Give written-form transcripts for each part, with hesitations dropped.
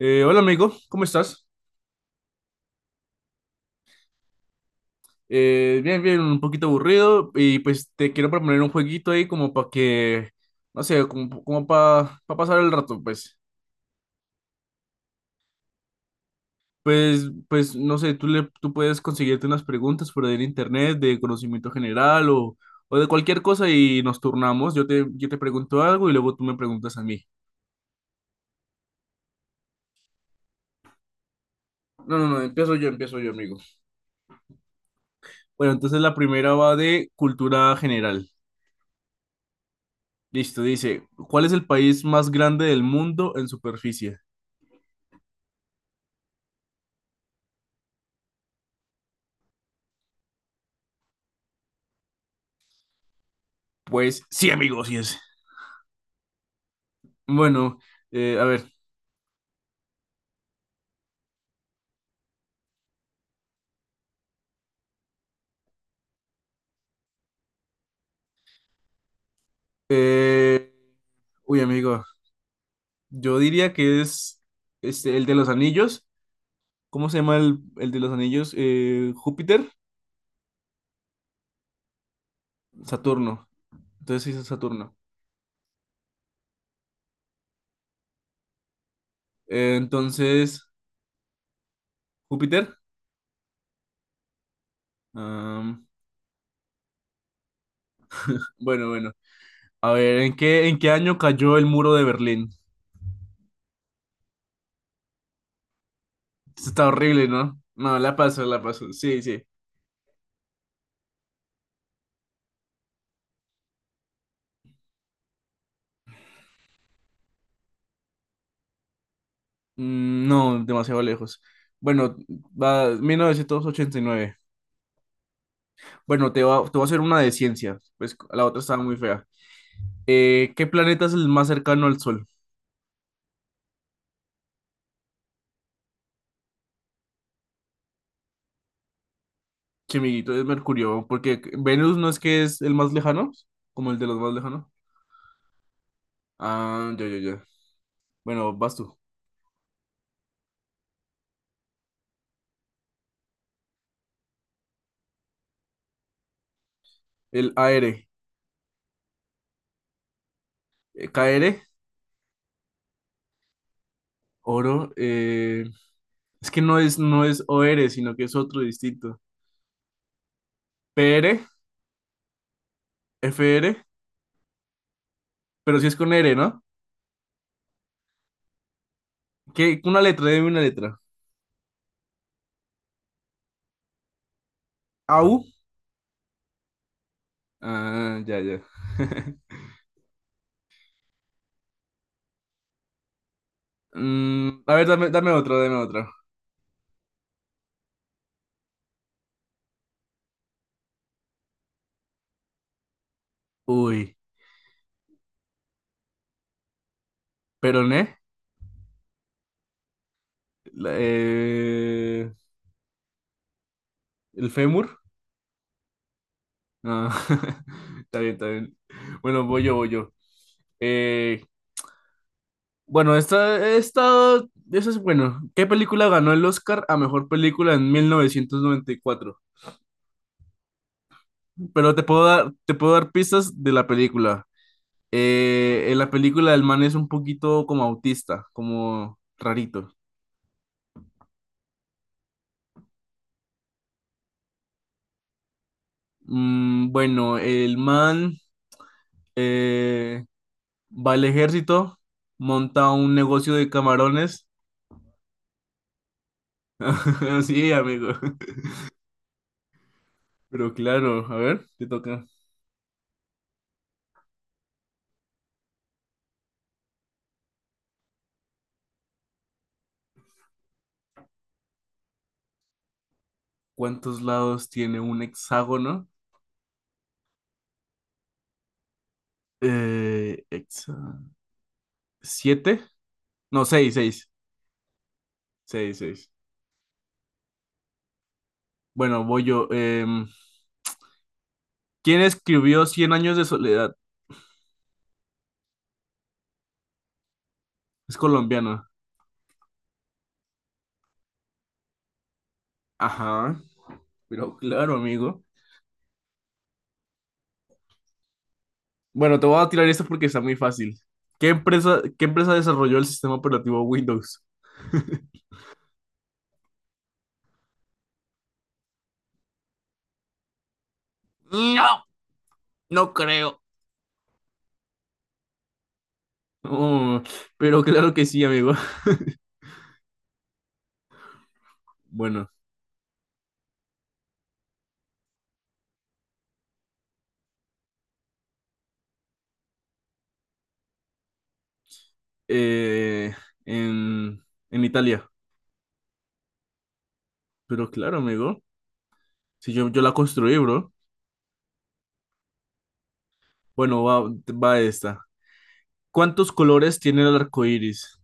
Hola amigo, ¿cómo estás? Bien, bien, un poquito aburrido y pues te quiero proponer un jueguito ahí como para que, no sé, como, para pasar el rato, pues. Pues, no sé, tú puedes conseguirte unas preguntas por ahí en internet de conocimiento general o de cualquier cosa y nos turnamos. Yo te pregunto algo y luego tú me preguntas a mí. No, no, no, empiezo yo, amigo. Bueno, entonces la primera va de cultura general. Listo, dice, ¿cuál es el país más grande del mundo en superficie? Pues sí, amigos, sí es. Bueno, a ver. eh, Uy, amigo, yo diría que es este, el de los anillos. ¿Cómo se llama el de los anillos? Júpiter, Saturno. Entonces sí es Saturno. Entonces, Júpiter. am, bueno, bueno. A ver, ¿en qué año cayó el muro de Berlín? Esto está horrible, ¿no? No, la paso, la paso. Sí, sí. Mm, no, demasiado lejos. Bueno, va 1989. Bueno, te voy a hacer una de ciencias, pues la otra estaba muy fea. ¿Qué planeta es el más cercano al Sol? Chimiguito es Mercurio, porque Venus no es que es el más lejano, como el de los más lejanos. Ah, ya, ya, ya. Bueno, vas tú. El AR. K r. Oro, es que no es o r, sino que es otro distinto. P r. F r, pero sí es con R, ¿no? ¿Qué? Una letra, dime una letra. A u. Ah, ya, ya. Mm, a ver, dame otra, dame otra. Uy. Peroné, la- eh, el fémur. Ah, está bien, está bien. Bueno, voy yo, voy yo. Eh, bueno, eso es bueno. ¿Qué película ganó el Oscar a mejor película en 1994? Pero te puedo dar pistas de la película. En la película el man es un poquito como autista, como rarito. Bueno, el man, eh, va al ejército, monta un negocio de camarones. Sí, amigo. Pero claro, a ver, te toca. ¿Cuántos lados tiene un hexágono? Eh, hexa- ¿Siete? No, seis, seis. Seis, seis. Bueno, voy yo. ¿Quién escribió Cien años de soledad? Es colombiano. Ajá, pero claro, amigo. Bueno, te voy a tirar esto porque está muy fácil. ¿Qué empresa desarrolló el sistema operativo Windows? No, no creo. Oh, pero claro que sí, amigo. Bueno, eh, en, en Italia. Pero claro, amigo. Si yo la construí, bro. Bueno, va esta. ¿Cuántos colores tiene el arco iris?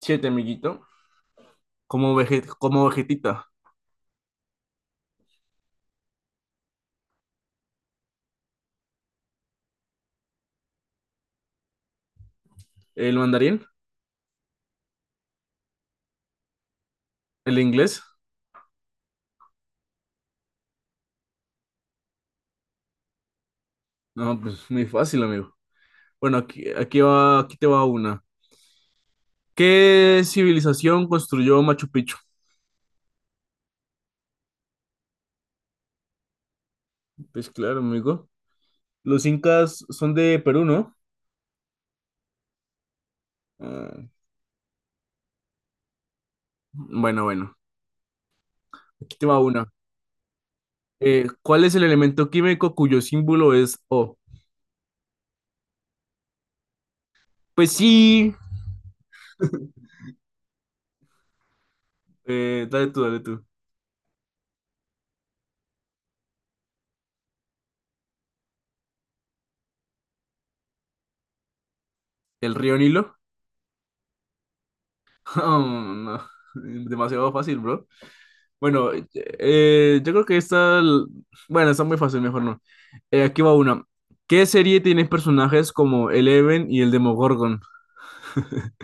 Siete, amiguito. Como, como vegetita. ¿El mandarín? ¿El inglés? No, pues muy fácil, amigo. Bueno, aquí te va una. ¿Qué civilización construyó Machu Picchu? Pues claro, amigo. Los incas son de Perú, ¿no? Ah, bueno, bueno. Aquí te va una. ¿Cuál es el elemento químico cuyo símbolo es O? Pues sí. Dale tú, dale tú. ¿El río Nilo? Oh, no. Demasiado fácil, bro. Bueno, yo creo que esta. Bueno, está muy fácil, mejor no. Aquí va una. ¿Qué serie tiene personajes como Eleven y el Demogorgon?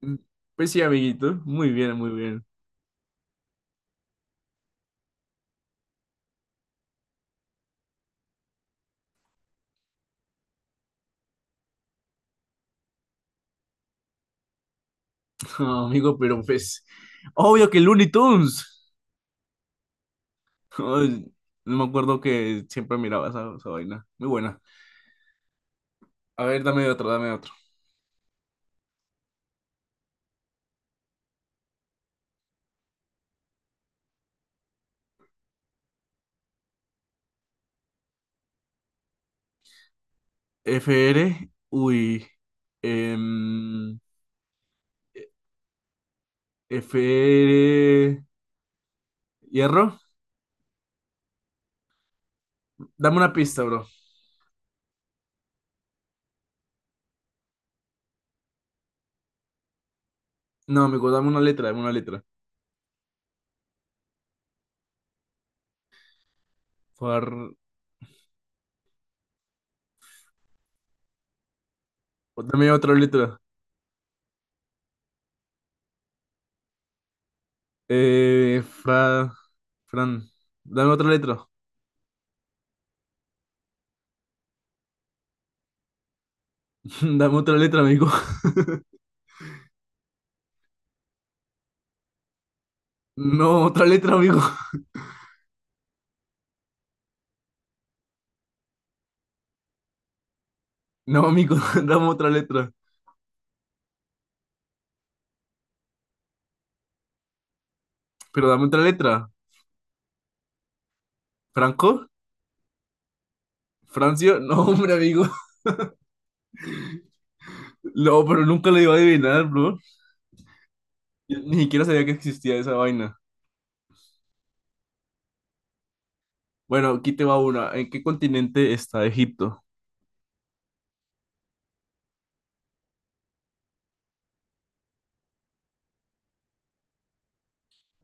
Mm, pues sí, amiguito. Muy bien, muy bien. Ah, amigo, pero pues... Obvio que Looney Tunes. Ay, no me acuerdo que siempre miraba esa vaina. Muy buena. A ver, dame otro, dame otro. FR, uy. em, FR, hierro. Dame una pista, bro. No, amigo, dame una letra, dame una letra. Far... Dame otra letra. Eh, fra... Fran. Dame otra letra. Dame otra letra, amigo. No, otra letra, amigo. No, amigo, dame otra letra. Pero dame otra letra. ¿Franco? ¿Francio? No, hombre, amigo. No, pero nunca lo iba a adivinar, bro. Yo ni siquiera sabía que existía esa vaina. Bueno, aquí te va una. ¿En qué continente está Egipto?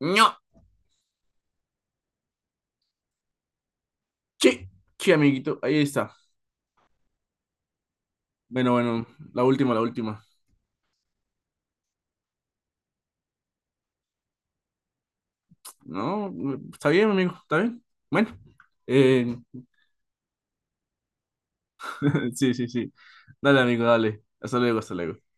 No, sí, sí, amiguito, ahí está. Bueno, bueno, la última, la última. No, está bien, amigo, está bien. Bueno, eh, sí, sí, sí. Dale, amigo, dale. Hasta luego, hasta luego.